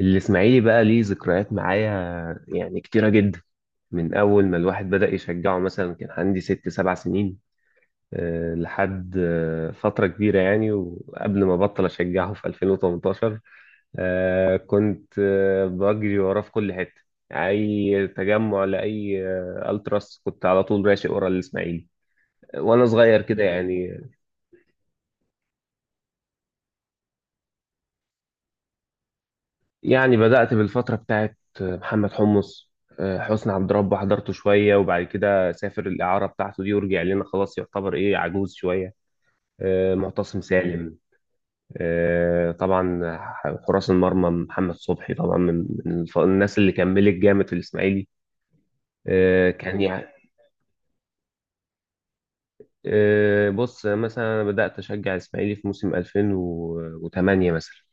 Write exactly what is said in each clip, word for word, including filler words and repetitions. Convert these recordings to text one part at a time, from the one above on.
الإسماعيلي بقى ليه ذكريات معايا يعني كتيرة جدا. من أول ما الواحد بدأ يشجعه مثلا كان عندي ست سبع سنين، آه، لحد آه، فترة كبيرة يعني، وقبل ما بطل أشجعه في ألفين وتمنتاشر. آه، كنت آه، بجري وراه في كل حتة، أي تجمع لأي آه، ألتراس كنت على طول راشق ورا الإسماعيلي وأنا صغير كده يعني يعني بدأت بالفترة بتاعت محمد حمص. آه، حسني عبد ربه حضرته شوية، وبعد كده سافر الإعارة بتاعته دي ورجع لنا خلاص يعتبر إيه عجوز شوية. آه، معتصم سالم، آه، طبعا. حراس المرمى محمد صبحي طبعا، من من الف- الناس اللي كملت جامد في الإسماعيلي، آه، كان يعني. آه، بص مثلا أنا بدأت أشجع الإسماعيلي في موسم ألفين وثمانية مثلا،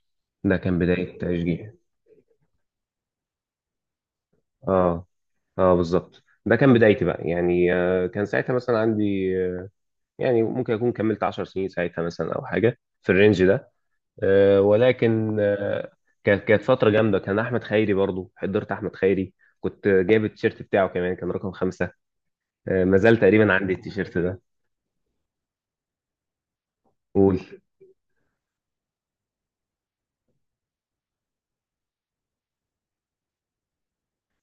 ده كان بداية تشجيعي. اه، اه، بالظبط، ده كان بدايتي بقى يعني. آه، كان ساعتها مثلا عندي، آه، يعني ممكن اكون كملت عشر سنين ساعتها مثلا او حاجه في الرينج ده. آه، ولكن آه، كانت كانت فتره جامده، كان احمد خيري برضو، حضرت احمد خيري، كنت جايب التيشيرت بتاعه كمان، كان رقم خمسة. آه، ما زال تقريبا عندي التيشيرت ده. قول.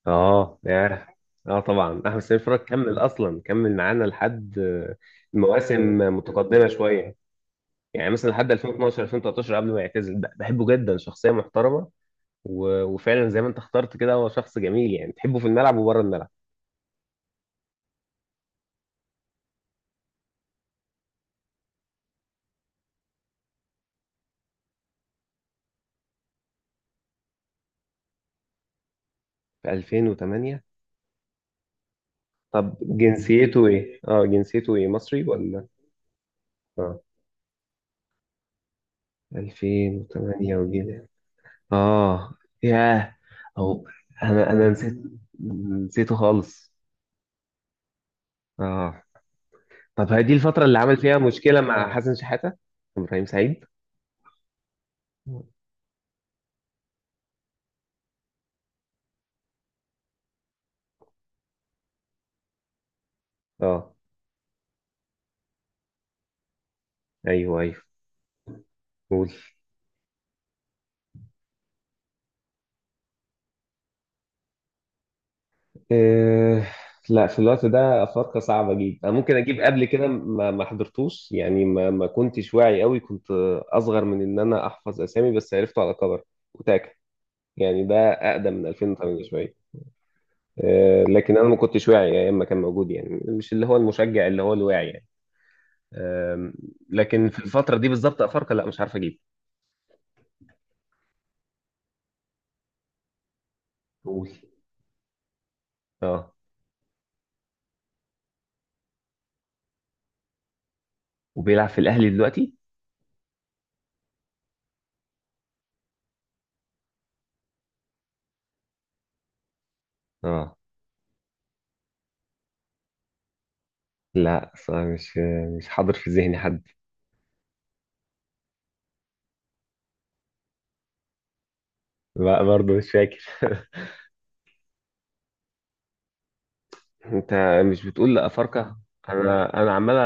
اه، ياه. اه، طبعا احمد سمير فرج كمل، اصلا كمل معانا لحد آه، مواسم متقدمه شويه، يعني مثلا لحد ألفين واتناشر ألفين وثلاثة عشر قبل ما يعتزل. بحبه جدا، شخصيه محترمه، و- وفعلا زي ما انت اخترت كده هو شخص جميل يعني تحبه في الملعب وبره الملعب. في ألفين وثمانية. طب جنسيته ايه؟ اه، جنسيته ايه؟ مصري ولا... اه. ألفين وتمانية وجنيه. اه، ياه، او، انا انا نسيت، نسيته خالص. اه. طب هي دي الفترة اللي عمل فيها مشكلة مع حسن شحاتة؟ ابراهيم سعيد؟ اه، ايوه ايوه. قول. إيه. لا، في الوقت ده افارقه صعبه جدا، انا ممكن اجيب قبل كده ما ما حضرتوش، يعني ما ما كنتش واعي قوي، كنت اصغر من ان انا احفظ اسامي، بس عرفته على كبر، وتاكا، يعني ده اقدم من ألفين وتمانية شويه. إيه، لكن انا ما كنتش واعي ايام ما كان موجود، يعني مش اللي هو المشجع اللي هو الواعي يعني. أم، لكن في الفتره دي بالظبط افارقه، لا، مش عارف اجيب. قول. اه، وبيلعب في الاهلي دلوقتي؟ اه، لا صراحة مش مش حاضر في ذهني حد. لا، برضه مش فاكر انت مش بتقول لا افارقه؟ انا انا عمال...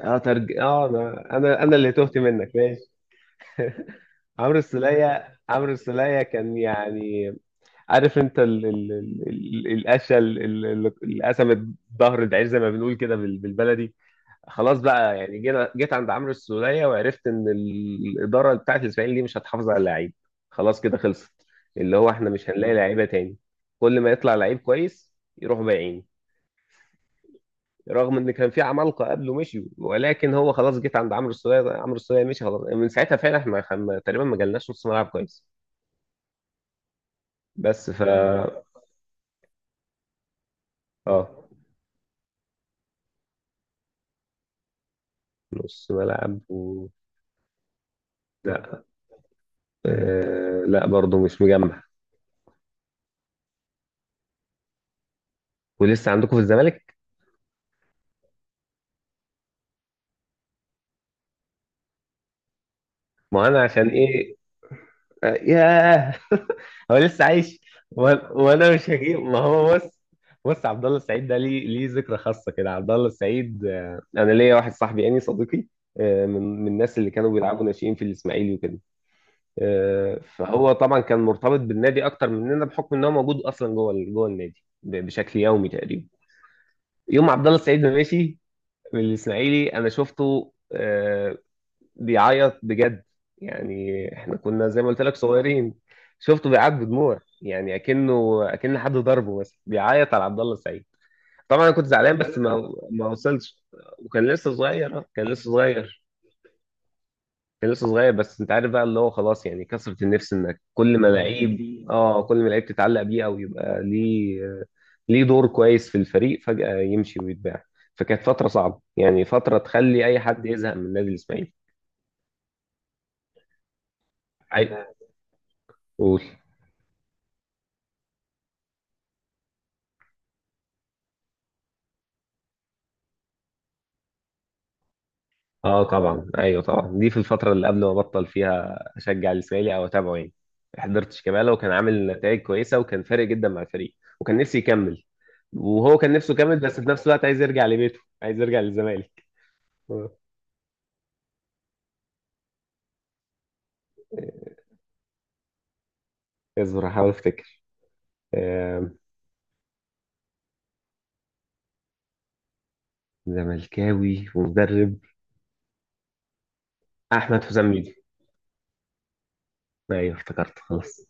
انا ترج... اه انا انا انا اللي تهت منك، ماشي. عمرو السولية عمرو السولية كان يعني، عارف انت ال... ال... ال... ال- القشه ال- ال- اللي قسمت ظهر الدعير زي ما بنقول كده بال... بالبلدي. خلاص بقى، يعني جينا جيت عند عمرو السولية وعرفت ان ال- الاداره بتاعت الاسماعيلي دي مش هتحافظ على اللعيب. خلاص كده خلصت، اللي هو احنا مش هنلاقي لعيبه تاني، كل ما يطلع لعيب كويس يروحوا بايعين. رغم ان كان في عمالقه قبله مشيوا، ولكن هو خلاص جيت عند عمرو السولية، عمرو السولية مشي خلاص من ساعتها، فعلا احنا خم... تقريبا ما جالناش نص ملعب كويس. بس ف اه، نص ملعب و... لا، آه... لا برضه مش مجمع. ولسه عندكم في الزمالك؟ ما انا عشان ايه؟ ياه هو لسه عايش؟ و- وانا مش هجيب، ما هو بص. بص، عبد الله السعيد ده ليه ليه ذكرى خاصه كده. عبد الله السعيد، آه، انا ليا واحد صاحبي يعني صديقي، آه، من من الناس اللي كانوا بيلعبوا ناشئين في الاسماعيلي وكده. آه، فهو طبعا كان مرتبط بالنادي اكتر مننا، بحكم ان هو موجود اصلا جوه ال- جوه النادي ب- بشكل يومي تقريبا. يوم عبد الله السعيد ما مشي من الاسماعيلي، انا شفته آه، بيعيط بجد، يعني احنا كنا زي ما قلت لك صغيرين، شفته بيعيط بدموع، يعني اكنه اكن حد ضربه مثلا، بيعيط على عبد الله السعيد. طبعا انا كنت زعلان بس ما ما وصلش، وكان لسه صغير. آه، كان لسه صغير، كان لسه صغير، بس انت عارف بقى اللي هو خلاص، يعني كثرة النفس انك كل ما لعيب اه كل ما لعيب تتعلق بيه، او يبقى ليه ليه دور كويس في الفريق، فجأة يمشي ويتباع. فكانت فترة صعبة، يعني فترة تخلي اي حد يزهق من نادي الاسماعيلي. عادي. قول. اه طبعا، ايوه طبعا، دي في الفتره اللي قبل ما بطل فيها اشجع الاسماعيلي او اتابعه يعني. حضرت شيكابالا، وكان عامل نتائج كويسه وكان فارق جدا مع الفريق، وكان نفسي يكمل، وهو كان نفسه يكمل، بس في نفس الوقت عايز يرجع لبيته، عايز يرجع للزمالك. آه، اصبر هحاول افتكر. آه، زملكاوي ومدرب، احمد حسام ميدو. ايوه افتكرت خلاص.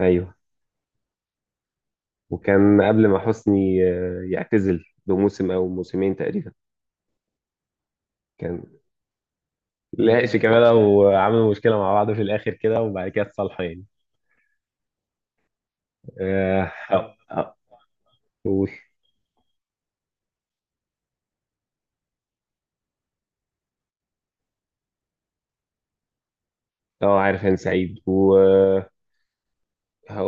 ايوه، وكان قبل ما حسني آه، يعتزل بموسم او موسمين تقريبا. كان لحقش كمالة، وعملوا مشكلة مع بعض في الآخر كده، وبعد كده اتصالحوا يعني. آه، أه أه. قول. أه، عارف هاني سعيد، وهقول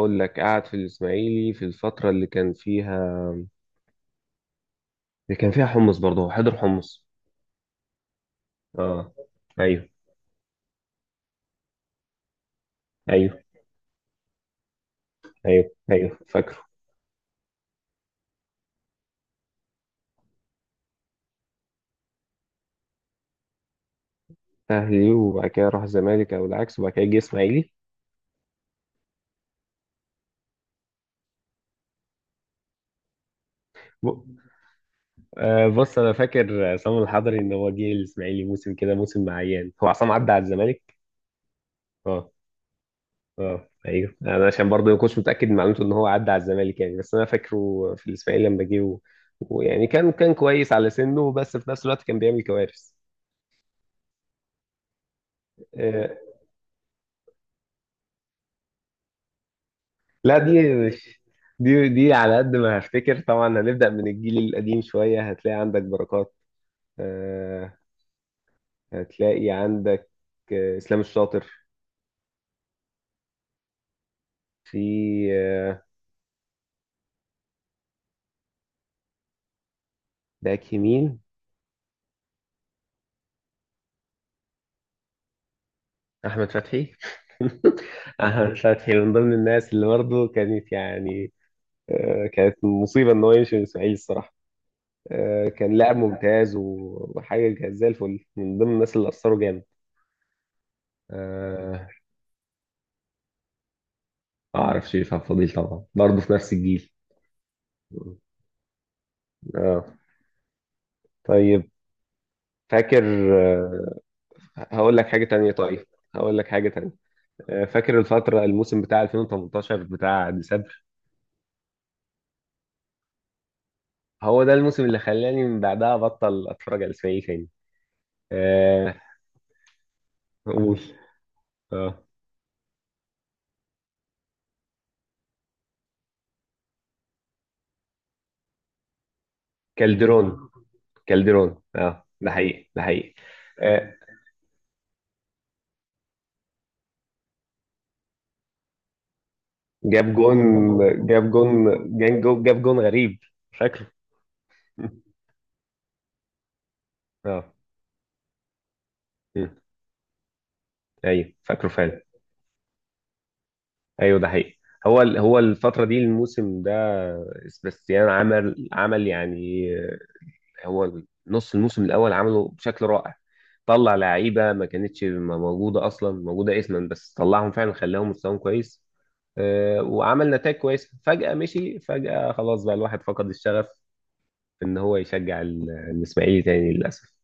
لك قعد في الإسماعيلي في الفترة اللي كان فيها، اللي كان فيها حمص برضه، هو حضر حمص. أه، أيوه أيوه أيوه أيوه فاكره. أهلي وبعد كده راح الزمالك أو العكس، وبعد كده جه إسماعيلي. ب- آه، بص أنا فاكر عصام الحضري إن هو جه الإسماعيلي موسم كده، موسم معين، هو عصام عدى على الزمالك. أه، اه ايوه، يعني انا عشان برضه ما كنتش متاكد من معلومته ان هو عدى على الزمالك يعني، بس انا فاكره في الاسماعيلي لما جه. و- ويعني كان كان كويس على سنه، بس في نفس الوقت كان بيعمل كوارث. آه، لا، دي مش دي دي على قد ما هفتكر، طبعا هنبدا من الجيل القديم شويه، هتلاقي عندك بركات. آه، هتلاقي عندك آه، اسلام الشاطر. في آه، باك يمين، احمد فتحي احمد فتحي من ضمن الناس اللي برضه كانت يعني آه، كانت مصيبة إن هو يمشي من الإسماعيلي الصراحة. آه، كان لاعب ممتاز، و- وحاجة كانت زي الفل، من ضمن الناس اللي أثروا جامد. آه، ما أعرفش، يفهم فضيل طبعا برضه في نفس الجيل. آه. طيب، فاكر. آه، هقول لك حاجة تانية طيب هقول لك حاجة تانية. آه، فاكر الفترة الموسم بتاع ألفين وتمنتاشر بتاع ديسمبر، هو ده الموسم اللي خلاني من بعدها أبطل أتفرج على الإسماعيلي تاني. آه، قول. آه. كالدرون، كالدرون، اه، ده حقيقي ده حقيقي. آه، جاب جون، جاب جون، جاب جون، جاب جون غريب، فاكره اه، مم. ايوه فاكره فعلا، ايوه ده حقيقي. هو ال- هو الفترة دي، الموسم ده سباستيان عمل عمل يعني، آه، هو نص الموسم الأول عمله بشكل رائع، طلع لعيبة ما كانتش موجودة، أصلا موجودة اسما بس طلعهم فعلا، خلاهم مستواهم كويس. آه، وعمل نتائج كويسة، فجأة مشي، فجأة خلاص بقى الواحد فقد الشغف إن هو يشجع ال- الإسماعيلي تاني، للأسف.